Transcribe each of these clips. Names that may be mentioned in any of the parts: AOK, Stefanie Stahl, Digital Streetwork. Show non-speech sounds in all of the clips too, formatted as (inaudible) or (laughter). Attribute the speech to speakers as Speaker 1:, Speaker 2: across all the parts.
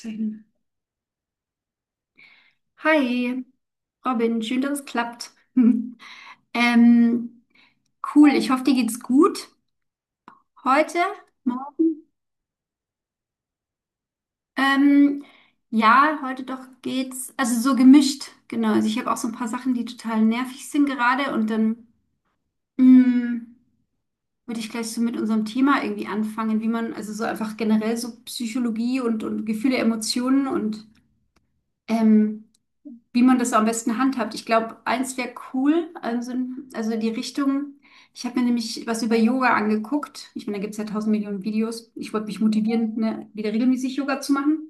Speaker 1: Schön. Hi, Robin, schön, dass es klappt. (laughs) Ähm, cool, ich hoffe, dir geht's gut heute. Morgen. Ähm, ja, heute doch geht's, also so gemischt, genau. Also ich habe auch so ein paar Sachen, die total nervig sind gerade, und dann mh, würde ich gleich so mit unserem Thema irgendwie anfangen, wie man, also so einfach generell so Psychologie und Gefühle, Emotionen und ähm, wie man das so am besten handhabt. Ich glaube, eins wäre cool, also die Richtung. Ich habe mir nämlich was über Yoga angeguckt. Ich meine, da gibt es ja tausend Millionen Videos. Ich wollte mich motivieren, ne, wieder regelmäßig Yoga zu machen.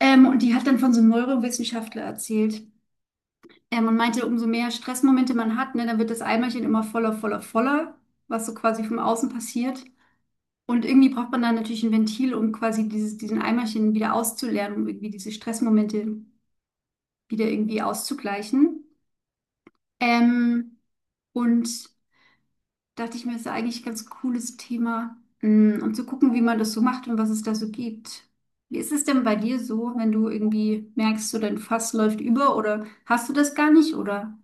Speaker 1: Und die hat dann von so einem Neurowissenschaftler erzählt. Und meinte, umso mehr Stressmomente man hat, ne, dann wird das Eimerchen immer voller, voller, voller, was so quasi vom Außen passiert. Und irgendwie braucht man dann natürlich ein Ventil, um quasi dieses, diesen Eimerchen wieder auszuleeren, um irgendwie diese Stressmomente wieder irgendwie auszugleichen. Ähm, und dachte ich mir, ist ja eigentlich ein ganz cooles Thema, um zu gucken, wie man das so macht und was es da so gibt. Wie ist es denn bei dir so, wenn du irgendwie merkst, so dein Fass läuft über, oder hast du das gar nicht oder?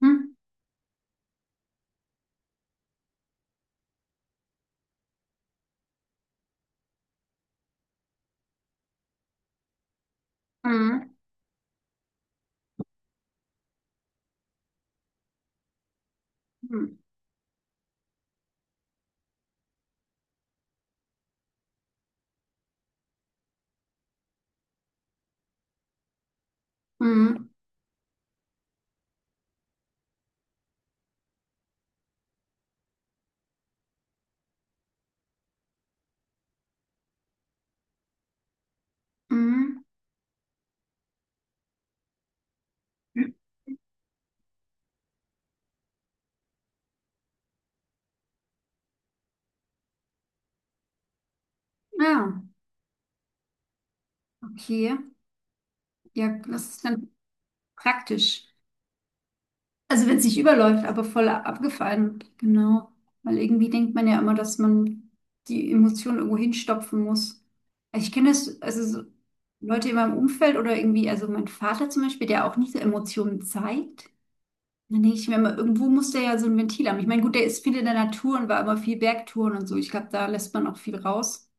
Speaker 1: Hm? Mhm. Mhm. Mhm. Mhm. Ja, okay. Ja, das ist dann praktisch. Also wenn es nicht überläuft, aber voll abgefallen, genau. Weil irgendwie denkt man ja immer, dass man die Emotionen irgendwo hinstopfen muss. Also ich kenne das, also so Leute in meinem Umfeld oder irgendwie, also mein Vater zum Beispiel, der auch nicht so Emotionen zeigt. Dann denke ich mir immer, irgendwo muss der ja so ein Ventil haben. Ich meine, gut, der ist viel in der Natur und war immer viel Bergtouren und so. Ich glaube, da lässt man auch viel raus.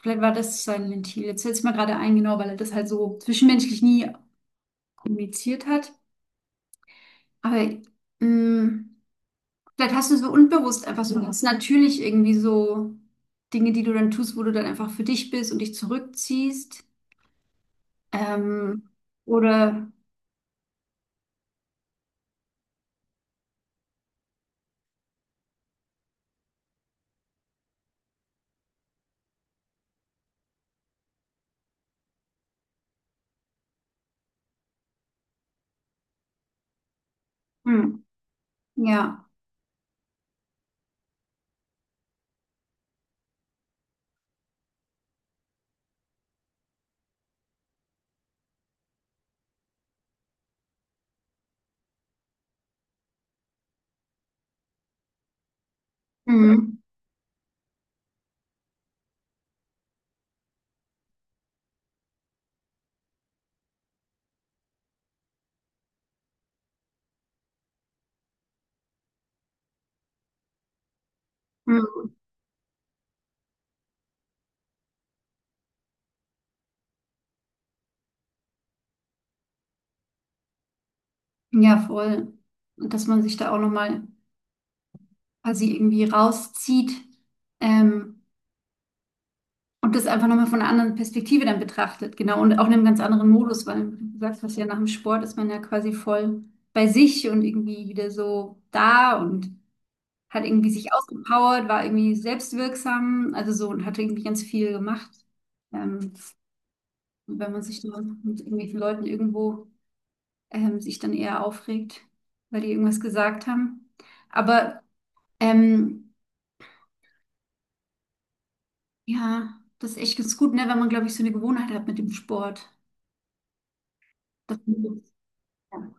Speaker 1: Vielleicht war das sein Ventil. Jetzt fällt es mir gerade ein, genau, weil er das halt so zwischenmenschlich nie kommuniziert hat. Aber mh, Vielleicht hast du so unbewusst einfach so ganz natürlich irgendwie so Dinge, die du dann tust, wo du dann einfach für dich bist und dich zurückziehst. Ähm, oder, hm, ja, hm, hm, ja, voll. Und dass man sich da auch nochmal quasi irgendwie rauszieht, ähm, und das einfach nochmal von einer anderen Perspektive dann betrachtet. Genau. Und auch in einem ganz anderen Modus, weil wie du sagst, was ja nach dem Sport ist man ja quasi voll bei sich und irgendwie wieder so da und hat irgendwie sich ausgepowert, war irgendwie selbstwirksam, also so, und hat irgendwie ganz viel gemacht. Ähm, und wenn man sich dann mit irgendwelchen Leuten irgendwo sich dann eher aufregt, weil die irgendwas gesagt haben. Aber ähm, ja, das ist echt ganz gut, ne, wenn man, glaube ich, so eine Gewohnheit hat mit dem Sport. Das, ja.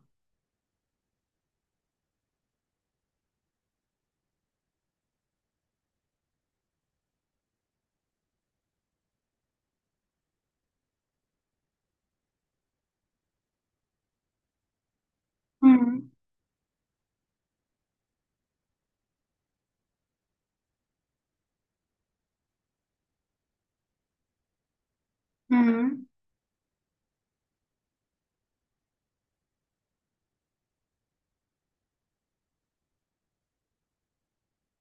Speaker 1: Mhm. Mhm.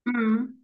Speaker 1: Mhm.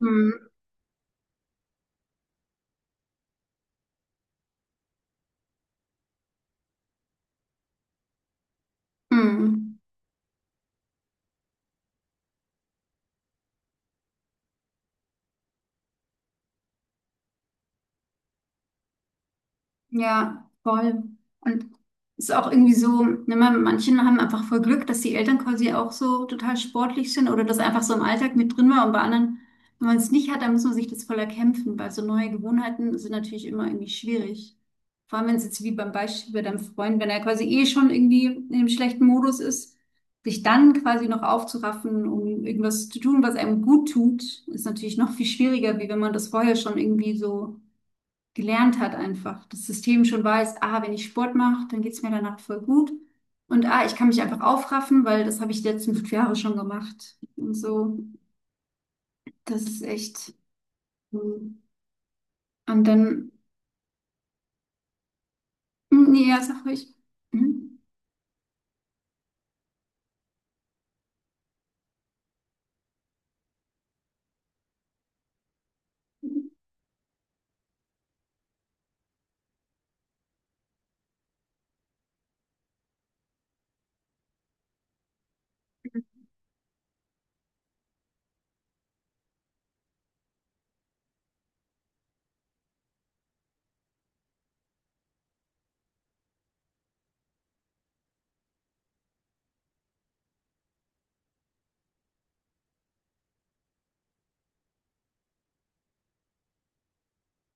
Speaker 1: Mhm. Mhm. Ja, voll. Und es ist auch irgendwie so, ne, manche haben einfach voll Glück, dass die Eltern quasi auch so total sportlich sind oder das einfach so im Alltag mit drin war. Und bei anderen, wenn man es nicht hat, dann muss man sich das voll erkämpfen, weil so neue Gewohnheiten sind natürlich immer irgendwie schwierig. Vor allem, wenn es jetzt wie beim Beispiel bei deinem Freund, wenn er quasi eh schon irgendwie in einem schlechten Modus ist, sich dann quasi noch aufzuraffen, um irgendwas zu tun, was einem gut tut, ist natürlich noch viel schwieriger, wie wenn man das vorher schon irgendwie so gelernt hat einfach. Das System schon weiß, ah, wenn ich Sport mache, dann geht's mir danach voll gut. Und ah, ich kann mich einfach aufraffen, weil das habe ich die letzten 5 Jahre schon gemacht. Und so, das ist echt. So. Und dann, hm, nee, ja, sag ruhig. Hm?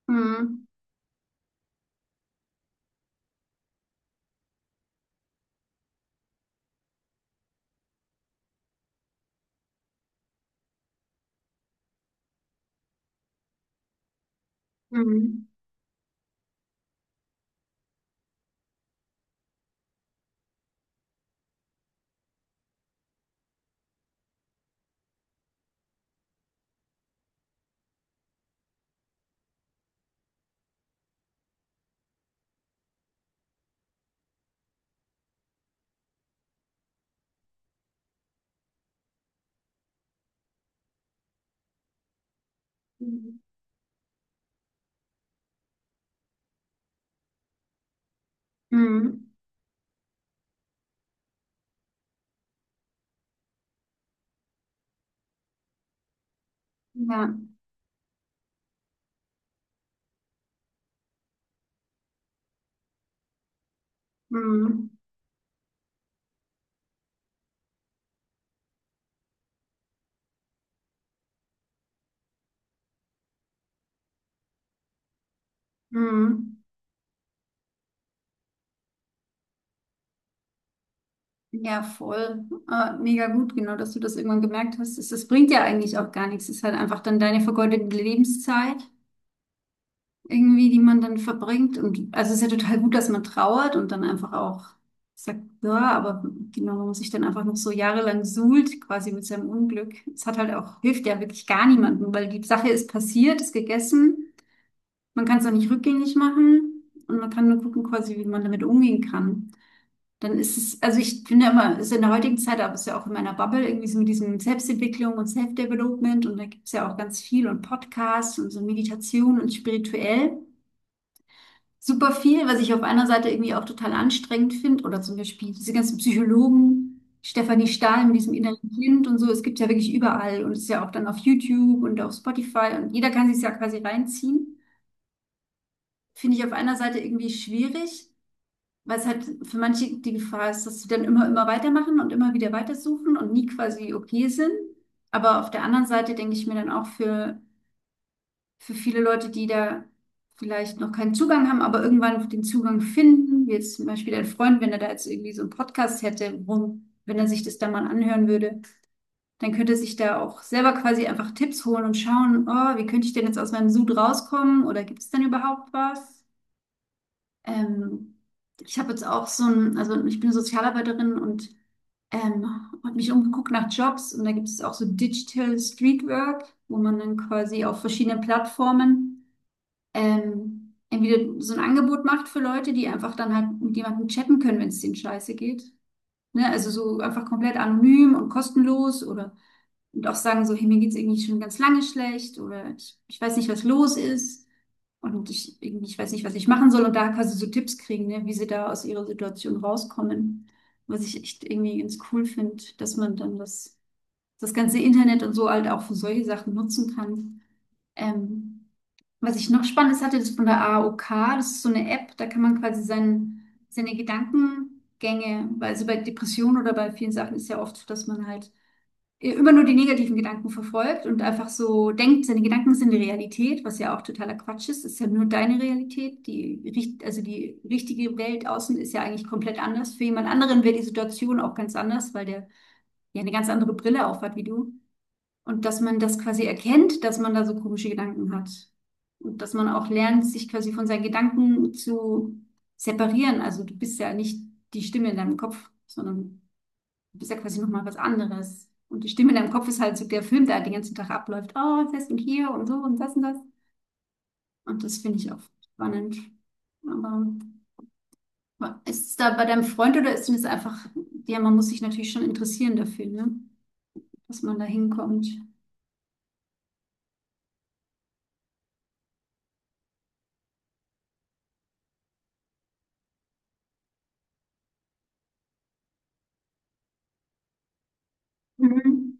Speaker 1: Hm, hm, hm, ja, hm, hm. Ja, voll. Mega gut, genau, dass du das irgendwann gemerkt hast. Das bringt ja eigentlich auch gar nichts. Es ist halt einfach dann deine vergeudete Lebenszeit irgendwie, die man dann verbringt. Und also es ist ja total gut, dass man trauert und dann einfach auch sagt, ja, aber genau, man muss sich dann einfach noch so jahrelang suhlt, quasi mit seinem Unglück. Es hat halt auch, hilft ja wirklich gar niemandem, weil die Sache ist passiert, ist gegessen, man kann es auch nicht rückgängig machen, und man kann nur gucken, quasi, wie man damit umgehen kann. Dann ist es, also ich finde immer, es ist in der heutigen Zeit, aber es ist ja auch in meiner Bubble, irgendwie so mit diesem Selbstentwicklung und Self-Development, und da gibt es ja auch ganz viel, und Podcasts und so Meditation und spirituell super viel, was ich auf einer Seite irgendwie auch total anstrengend finde. Oder zum Beispiel diese ganzen Psychologen, Stefanie Stahl mit diesem inneren Kind und so. Es gibt ja wirklich überall, und es ist ja auch dann auf YouTube und auf Spotify, und jeder kann sich ja quasi reinziehen. Finde ich auf einer Seite irgendwie schwierig, weil es halt für manche die Gefahr ist, dass sie dann immer, immer weitermachen und immer wieder weitersuchen und nie quasi okay sind. Aber auf der anderen Seite denke ich mir dann auch für viele Leute, die da vielleicht noch keinen Zugang haben, aber irgendwann den Zugang finden, wie jetzt zum Beispiel dein Freund, wenn er da jetzt irgendwie so einen Podcast hätte, worum, wenn er sich das da mal anhören würde, dann könnte er sich da auch selber quasi einfach Tipps holen und schauen, oh, wie könnte ich denn jetzt aus meinem Sud rauskommen, oder gibt es denn überhaupt was? Ähm, ich habe jetzt auch so ein, also ich bin Sozialarbeiterin und ähm, habe mich umgeguckt nach Jobs, und da gibt es auch so Digital Streetwork, wo man dann quasi auf verschiedenen Plattformen entweder so ein Angebot macht für Leute, die einfach dann halt mit jemandem chatten können, wenn es denen scheiße geht. Ne? Also so einfach komplett anonym und kostenlos, oder und auch sagen so, hey, mir geht's irgendwie schon ganz lange schlecht, oder ich, weiß nicht, was los ist und ich, irgendwie, ich weiß nicht, was ich machen soll, und da quasi so Tipps kriegen, ne, wie sie da aus ihrer Situation rauskommen. Was ich echt irgendwie ganz cool finde, dass man dann das, ganze Internet und so halt auch für solche Sachen nutzen kann. Ähm, was ich noch Spannendes hatte, das ist von der AOK, das ist so eine App, da kann man quasi seine Gedankengänge, weil also bei Depressionen oder bei vielen Sachen ist ja oft so, dass man halt immer nur die negativen Gedanken verfolgt und einfach so denkt, seine Gedanken sind die Realität, was ja auch totaler Quatsch ist, ist ja nur deine Realität, also die richtige Welt außen ist ja eigentlich komplett anders. Für jemand anderen wäre die Situation auch ganz anders, weil der ja eine ganz andere Brille auf hat wie du. Und dass man das quasi erkennt, dass man da so komische Gedanken hat. Und dass man auch lernt, sich quasi von seinen Gedanken zu separieren. Also du bist ja nicht die Stimme in deinem Kopf, sondern du bist ja quasi nochmal was anderes. Und die Stimme in deinem Kopf ist halt so der Film, der halt den ganzen Tag abläuft. Oh, das und hier und so, und das und das. Und das finde ich auch spannend. Aber ist es da bei deinem Freund, oder ist es einfach, ja, man muss sich natürlich schon interessieren dafür, ne? Dass man da hinkommt. Mhm.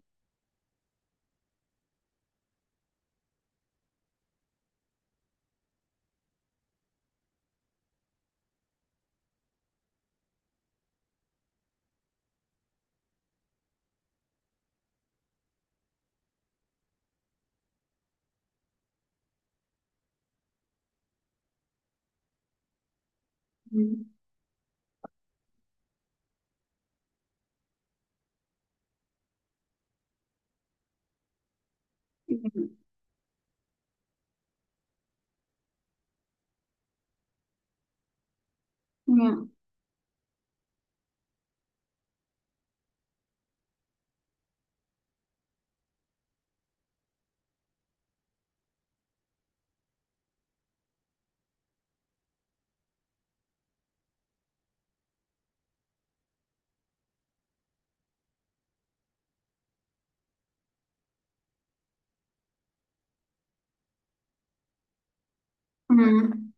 Speaker 1: Mhm. Ja. Mhm.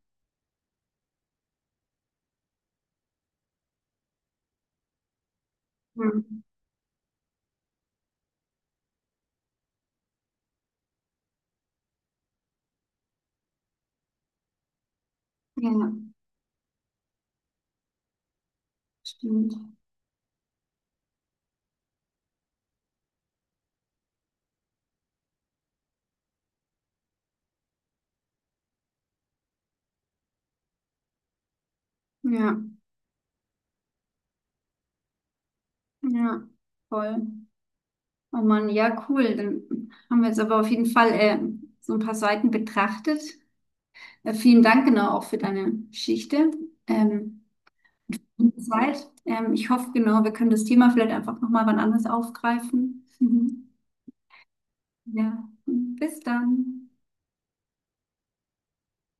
Speaker 1: Mhm. Ja, stimmt. Ja, ja, voll. Oh Mann, ja, cool. Dann haben wir jetzt aber auf jeden Fall so ein paar Seiten betrachtet. Vielen Dank, genau, auch für deine Geschichte. Ähm, und die Zeit. Ich hoffe, genau, wir können das Thema vielleicht einfach nochmal wann anders aufgreifen. Mhm. Ja, bis dann.